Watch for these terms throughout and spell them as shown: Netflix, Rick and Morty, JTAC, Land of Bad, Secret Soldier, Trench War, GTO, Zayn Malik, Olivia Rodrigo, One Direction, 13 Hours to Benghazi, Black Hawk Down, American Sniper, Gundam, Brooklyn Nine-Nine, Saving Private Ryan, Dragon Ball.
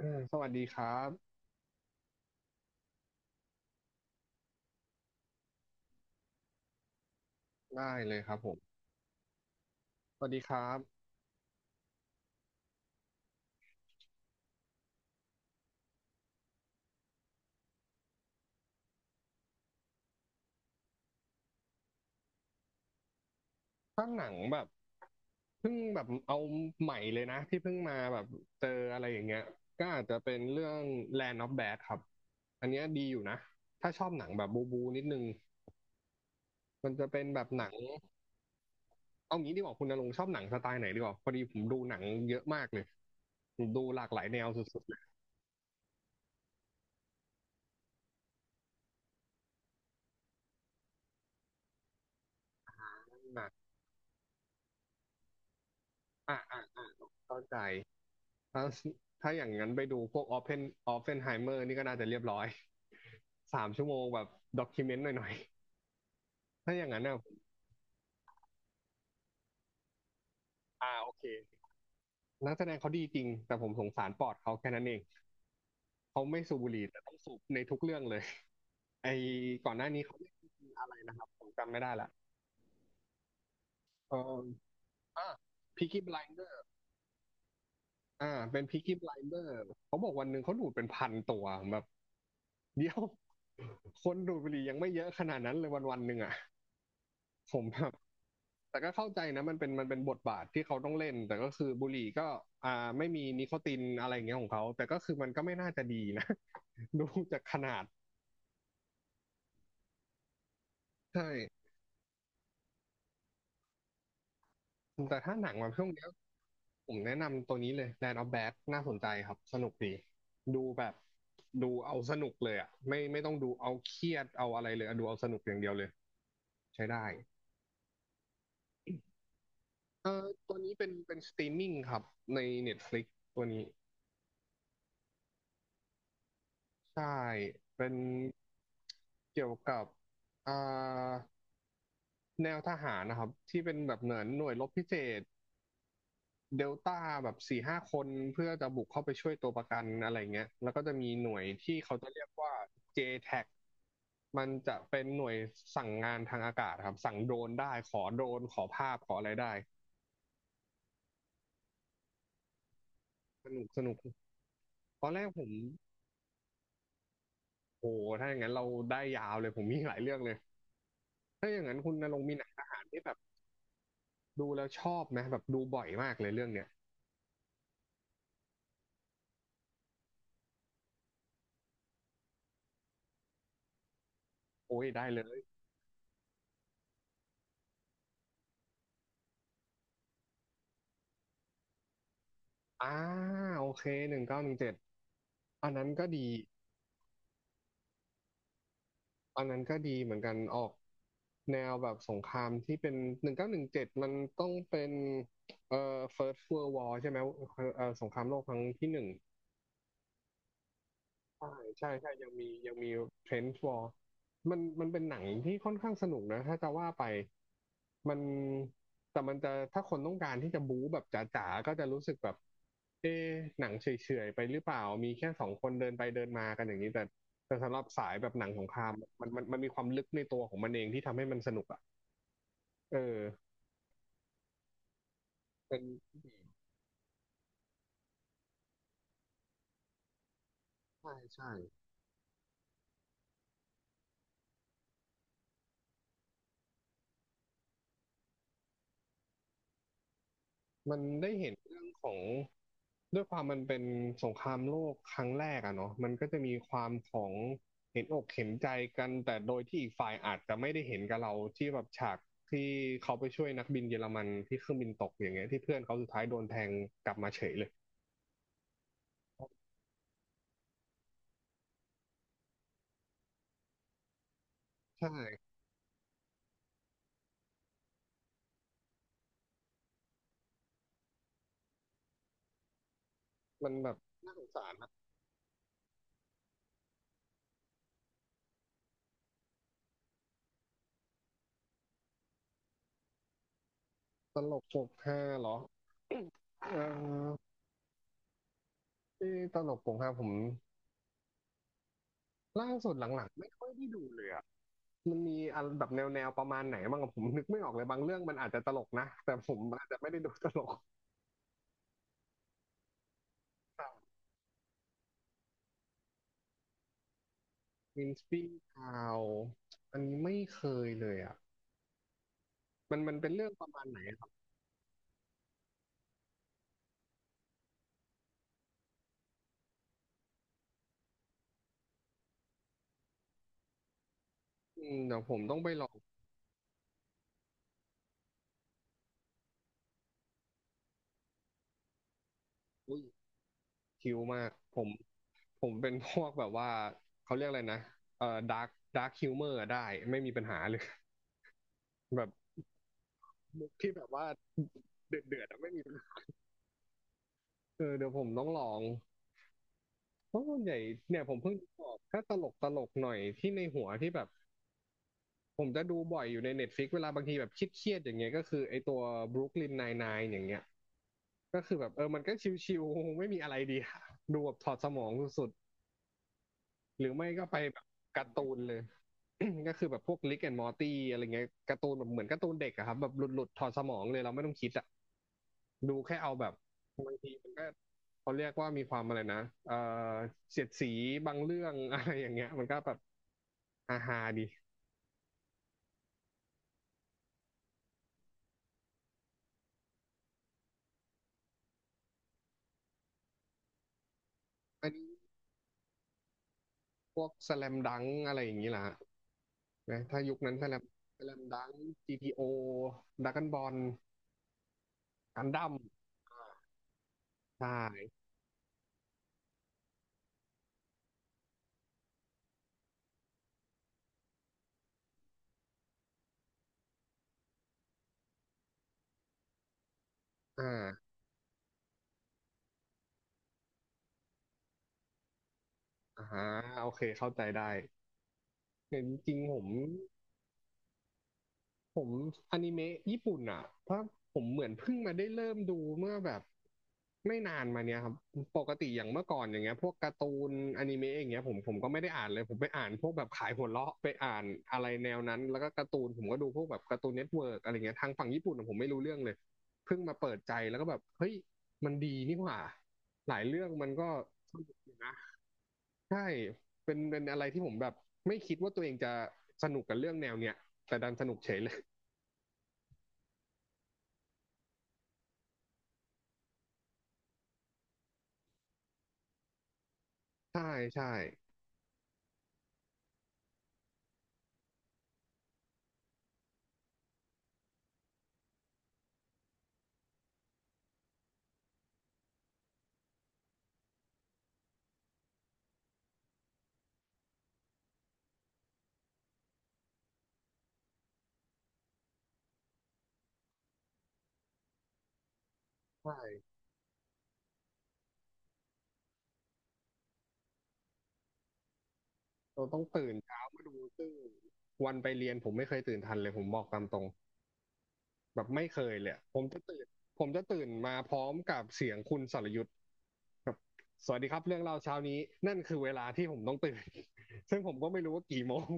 สวัสดีครับได้เลยครับผมสวัสดีครับถ้าหนังแบบเพิ่งแบบเอาใหม่เลยนะที่เพิ่งมาแบบเจออะไรอย่างเงี้ยก็อาจจะเป็นเรื่อง Land of Bad ครับ อันเนี้ยดีอยู่นะ ถ้าชอบหนังแบบบูบูนิดนึงมันจะเป็นแบบหนังเอางี้ดีกว่าคุณณรงค์ชอบหนังสไตล์ไหนดีกว่าพอดีผมดูหนังเยอะมากเลยผมดูหลากหลายแนวสุดๆเลยอ่ะอ่ะเข้าใจ ถ้าถ้าอย่างนั้นไปดูพวกออฟเฟนไฮเมอร์นี่ก็น่าจะเรียบร้อย 3 ชั่วโมงแบบด็อกิเมนต์หน่อยๆถ้าอย่างนั้นอ่ะอ่าโอเคนักแสดงเขาดีจริงแต่ผมสงสารปอดเขาแค่นั้นเองเขาไม่สูบบุหรี่แต่ต้องสูบในทุกเรื่องเลย ไอ้ก่อนหน้านี้เขาเล่นอะไรนะครับผมจำไม่ได้ละเอออ่าพิกกี้ไบลเดอร์อ่าเป็นพิกกี้ไบลเดอร์เขาบอกวันหนึ่งเขาดูดเป็นพันตัวแบบ เดียวคนดูดบุหรี่ยังไม่เยอะขนาดนั้นเลยวันวันหนึ่งอ่ะ ผมแบบ แต่ก็เข้าใจนะมันเป็นบทบาทที่เขาต้องเล่นแต่ก็คือบุหรี่ก็ไม่มีนิโคตินอะไรอย่างเงี้ยของเขาแต่ก็คือมันก็ไม่น่าจะดีนะ ดูจากขนาดใช่แต่ถ้าหนังมาช่วงเนี้ยผมแนะนำตัวนี้เลย Land of Bad น่าสนใจครับสนุกดีดูแบบดูเอาสนุกเลยอ่ะไม่ต้องดูเอาเครียดเอาอะไรเลยอะดูเอาสนุกอย่างเดียวเลยใช้ได้เอ่อตัวนี้เป็นสตรีมมิ่งครับใน Netflix ตัวนี้ ใช่เป็นเกี่ยวกับอ่าแนวทหารนะครับที่เป็นแบบเหมือนหน่วยรบพิเศษเดลต้าแบบ4-5 คนเพื่อจะบุกเข้าไปช่วยตัวประกันอะไรเงี้ยแล้วก็จะมีหน่วยที่เขาจะเรียกว่า JTAC มันจะเป็นหน่วยสั่งงานทางอากาศครับสั่งโดรนได้ขอโดรนขอภาพขออะไรได้สนุกสนุกตอนแรกผมโอ้โหถ้าอย่างนั้นเราได้ยาวเลยผมมีหลายเรื่องเลยถ้าอย่างนั้นคุณณรงค์มีหนังทหารที่แบบ ดูแล้วชอบไหมแบบดูบ่อยมากเลยเรื่องเนี้ยโอ้ยได้เลยอ่าโอเคหนึ่งเก้าหนึ่งเจ็ดอันนั้นก็ดีอันนั้นก็ดีเหมือนกันออกแนวแบบสงครามที่เป็นหนึ่งเก้าหนึ่งเจ็ดมันต้องเป็นเอ่อ First World War ใช่ไหมสงครามโลกครั้งที่หนึ่ง ใช่ใช่ใช่ยังมี Trench War มันเป็นหนังที่ค่อนข้างสนุกนะถ้าจะว่าไปมันแต่มันจะถ้าคนต้องการที่จะบู๊แบบจ๋าๆก็จะรู้สึกแบบเอ๊ะหนังเฉยๆไปหรือเปล่ามีแค่2 คนเดินไปเดินมากันอย่างนี้แต่แต่สำหรับสายแบบหนังสงครามมันมีความลึกในตัวของมันเองที่ทำให้มันสนุกอ่ะเออเป็นใช่ใช่ มันได้เห็นเรื่องของด้วยความมันเป็นสงครามโลกครั้งแรกอะเนาะมันก็จะมีความของเห็นอกเห็นใจกันแต่โดยที่อีกฝ่ายอาจจะไม่ได้เห็นกับเราที่แบบฉากที่เขาไปช่วยนักบินเยอรมันที่เครื่องบินตกอย่างเงี้ยที่เพื่อนเขาสุดท้ายโดนแทงกลับมาเฉยเลยใช่ มันแบบน่าสงสารนะตลกปกฮาเหรอ เอ่อที่ตลกปกฮาผมล่าสุดหลังๆไม่ค่อยได้ดูเลยอะ มันมีอันแบบแนวประมาณไหนบ้างอะผมนึกไม่ออกเลยบางเรื่องมันอาจจะตลกนะแต่ผมอาจจะไม่ได้ดูตลกวินสปีกาวอันนี้ไม่เคยเลยอ่ะมันมันเป็นเรื่องประมาณไหนครับอืมเดี๋ยวผมต้องไปลองอุ้ยคิวมากผมผมเป็นพวกแบบว่าเขาเรียกอะไรนะเอ่อดาร์กดาร์คฮิวเมอร์ได้ไม่มีปัญหาเลยแบบมุกที่แบบว่าเดือดเดือดอะไม่มีปัญหาเออเดี๋ยวผมต้องลองเพราะส่วนใหญ่เนี่ยผมเพิ่งบอกถ้าตลกตลกหน่อยที่ในหัวที่แบบ ผมจะดูบ่อยอยู่ใน Netflix เวลาบางทีแบบเครียดๆอย่างเงี้ยก็คือไอตัว Brooklyn Nine-Nine อย่างเงี้ยก็คือแบบเออมันก็ชิวๆไม่มีอะไรดีอะดูแบบถอดสมองสุดๆหรือไม่ก็ไปแบบการ์ตูนเลย ก็คือแบบพวก Rick and Morty อะไรเงี้ยการ์ตูนแบบเหมือนการ์ตูนเด็กอะครับแบบหลุดๆถอดสมองเลยเราไม่ต้องคิดอะดูแค่เอาแบบบางทีมันก็เขาเรียกว่ามีความอะไรนะเออเสียดสีบางเรื่อง อะไรอย่างเงี้ยมันก็แบบฮาๆดีอันนี้พวกสแลมดังอะไรอย่างงี้ล่ะ นะถ้ายุคนั้นแสลมแสลมดัง GTO ดราก้อนบอลกันดั้มใช่อ่าอ่าฮะโอเค เข้าใจได้แต่จริงๆผม ผมอนิเมะญี่ปุ่นอ่ะเพราะผมเหมือนเพิ่งมาได้เริ่มดูเมื่อแบบไม่นานมาเนี้ยครับปกติอย่างเมื่อก่อนอย่างเงี้ยพวกการ์ตูนอนิเมะอย่างเงี้ยผมก็ไม่ได้อ่านเลยผมไปอ่านพวกแบบขายหัวเราะไปอ่านอะไรแนวนั้นแล้วก็การ์ตูนผมก็ดูพวกแบบการ์ตูนเน็ตเวิร์กอะไรเงี้ยทางฝั่งญี่ปุ่นอะผมไม่รู้เรื่องเลยเพิ่งมาเปิดใจแล้วก็แบบเฮ้ยมันดีนี่หว่าหลายเรื่องมันก็ใช่เป็นเป็นอะไรที่ผมแบบไม่คิดว่าตัวเองจะสนุกกับเรื่องแนวเนี้ยแต่ดันสนุกเฉยเลยใช่ใช่ ใช่เราต้องตื่นเช้ามาดูซึ่งวันไปเรียนผมไม่เคยตื่นทันเลยผมบอกตามตรงแบบไม่เคยเลยอะผมจะตื่นผมจะตื่นมาพร้อมกับเสียงคุณสรยุทธแบบสวัสดีครับเรื่องเล่าเช้านี้นั่นคือเวลาที่ผมต้องตื่น ซึ่งผมก็ไม่รู้ว่ากี่โมง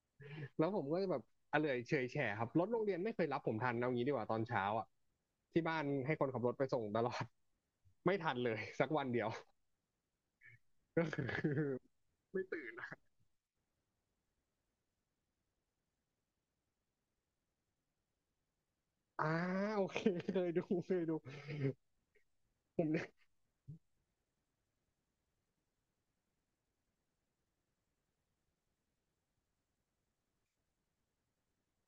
แล้วผมก็จะแบบอะเลอยเฉยแฉะครับรถโรงเรียนไม่เคยรับผมทันเอางี้ดีกว่าตอนเช้าอ่ะที่บ้านให้คนขับรถไปส่งตลอด ไม่ทันเลยสักวันเดียว ก็คือ อ่า โอเคเคยดูเคยดูผมเนี่ย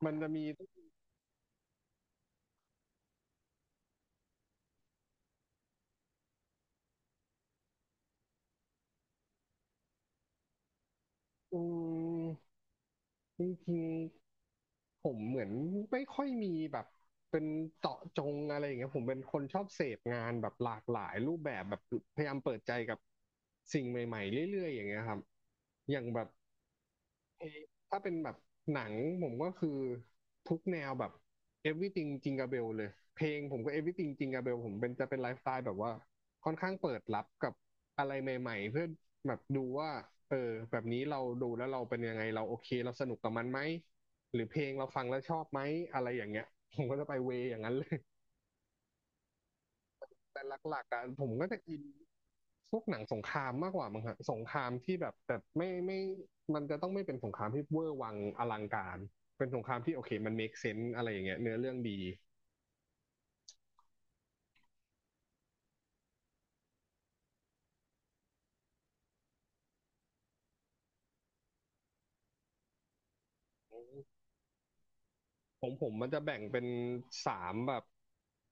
มันจะมีอืมจริงๆผมเหมือนไม่ค่อยมีแบบเป็นเจาะจงอะไรอย่างเงี้ยผมเป็นคนชอบเสพงานแบบหลากหลายรูปแบบแบบพยายามเปิดใจกับสิ่งใหม่ๆเรื่อยๆอย่างเงี้ยครับอย่างแบบ ถ้าเป็นแบบหนังผมก็คือทุกแนวแบบ everything จิงกาเบลเลยเพลงผมก็ everything จิงกาเบลผมเป็นจะเป็นไลฟ์สไตล์แบบว่าค่อนข้างเปิดรับกับอะไรใหม่ๆเพื่อแบบดูว่าเออแบบนี้เราดูแล้วเราเป็นยังไงเราโอเคเราสนุกกับมันไหมหรือเพลงเราฟังแล้วชอบไหมอะไรอย่างเงี้ยผมก็จะไปเวยอย่างนั้นเลย แต่หลักๆอ่ะผมก็จะอินพวกหนังสงครามมากกว่ามั้งฮะสงครามที่แบบแต่ไม่มันจะต้องไม่เป็นสงครามที่เวอร์วังอลังการเป็นสงครามที่โอเคมัน make sense อะไรอย่างเงี้ยเนื้อเรื่องดี ของผมมันจะแบ่งเป็นสามแบบ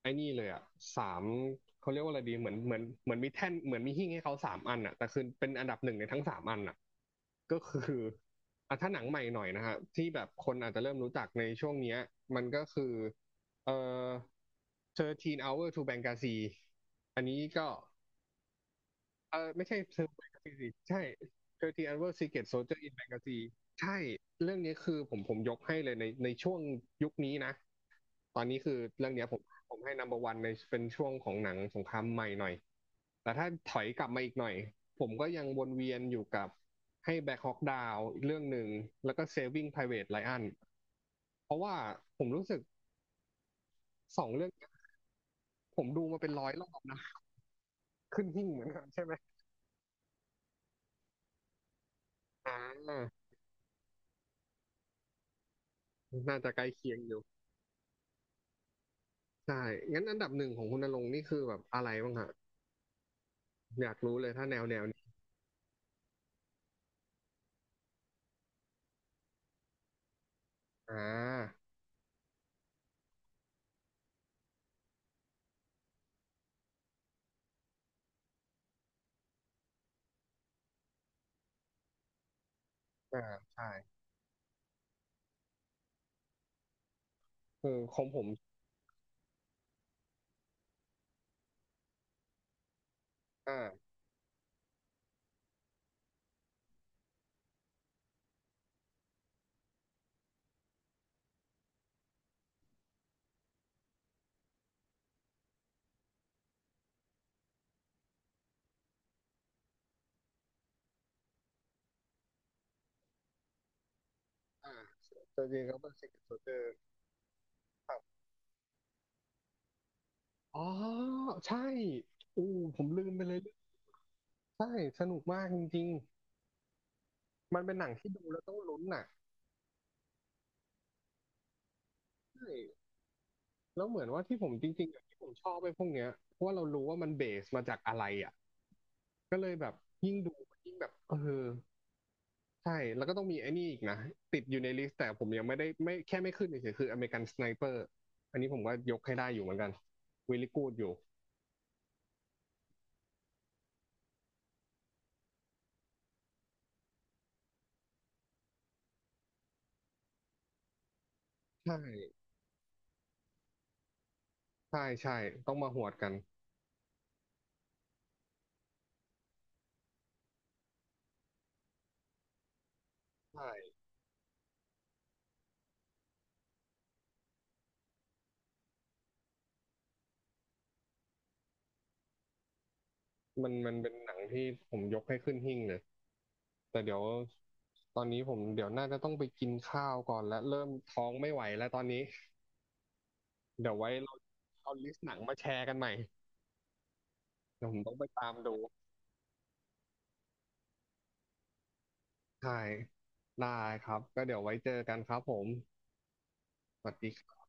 ไอ้นี่เลยอ่ะสามเขาเรียกว่าอะไรดีเหมือนเหมือนเหมือนมีแท่นเหมือนมีหิ้งให้เขาสามอันอ่ะแต่คือเป็นอันดับหนึ่งในทั้งสามอันอ่ะก็คืออ่ะถ้าหนังใหม่หน่อยนะฮะที่แบบคนอาจจะเริ่มรู้จักในช่วงเนี้ยมันก็คือเอ่อ13 Hours to Benghazi อันนี้ก็ เออไม่ใช่เซอร์แบงกาซีสิใช่เทอทีอันเวอร์ซีเกตโซลเจอร์อินแบงกาซีใช่เรื่องนี้คือผมยกให้เลยในช่วงยุคนี้นะตอนนี้คือเรื่องเนี้ยผมผมให้นัมเบอร์วันในเป็นช่วงของหนังสงครามใหม่หน่อยแต่ถ้าถอยกลับมาอีกหน่อยผมก็ยังวนเวียนอยู่กับให้แบ็คฮอกดาวอีกเรื่องหนึ่งแล้วก็ Saving Private Ryan เพราะว่าผมรู้สึกสองเรื่องเนี้ยผมดูมาเป็นร้อยรอบนะขึ้นหิ้งเหมือนกันใช่ไหมอ่าน่าจะใกล้เคียงอยู่ ใช่งั้นอันดับหนึ่งของคุณณรงค์นี่คือแบบอะไรบ้างฮะอยากรู้เลยถ้าแนวแนวนี้อ่าอ่าใช่อืมของผมอ่าอ่าจริงๆแล้วเป็น Secret Soldier ครับอ๋อใช่อู้ผมลืมไปเลยใช่สนุกมากจริงๆมันเป็นหนังที่ดูแล้วต้องลุ้นน่ะใช่แล้วเหมือนว่าที่ผมจริงๆอ่ะที่ผมชอบไปพวกเนี้ยเพราะว่าเรารู้ว่ามันเบสมาจากอะไรอ่ะก็เลยแบบยิ่งดูยิ่งแบบเออ ใช่แล้วก็ต้องมีไอ้นี่อีกนะติดอยู่ในลิสต์แต่ผมยังไม่ได้ไม่แค่ไม่ขึ้นเฉยๆคืออเมริกันสไนเปอร์อันนี้ผมก็ยกให้ได้อยู่เหมือนกันวิลลี่กูดอยู่ใช่ใช่ใช่ต้องมาหวดกันใช่มันเป็นหนังที่ผมยกให้ขึ้นหิ้งเลยแต่เดี๋ยวตอนนี้ผมเดี๋ยวน่าจะต้องไปกินข้าวก่อนและเริ่มท้องไม่ไหวแล้วตอนนี้เดี๋ยวไว้เราเอาลิสต์หนังมาแชร์กันใหม่เดี๋ยวผมต้องไปตามดูใช่ได้ครับก็เดี๋ยวไว้เจอกันครับผมสวัสดีครับ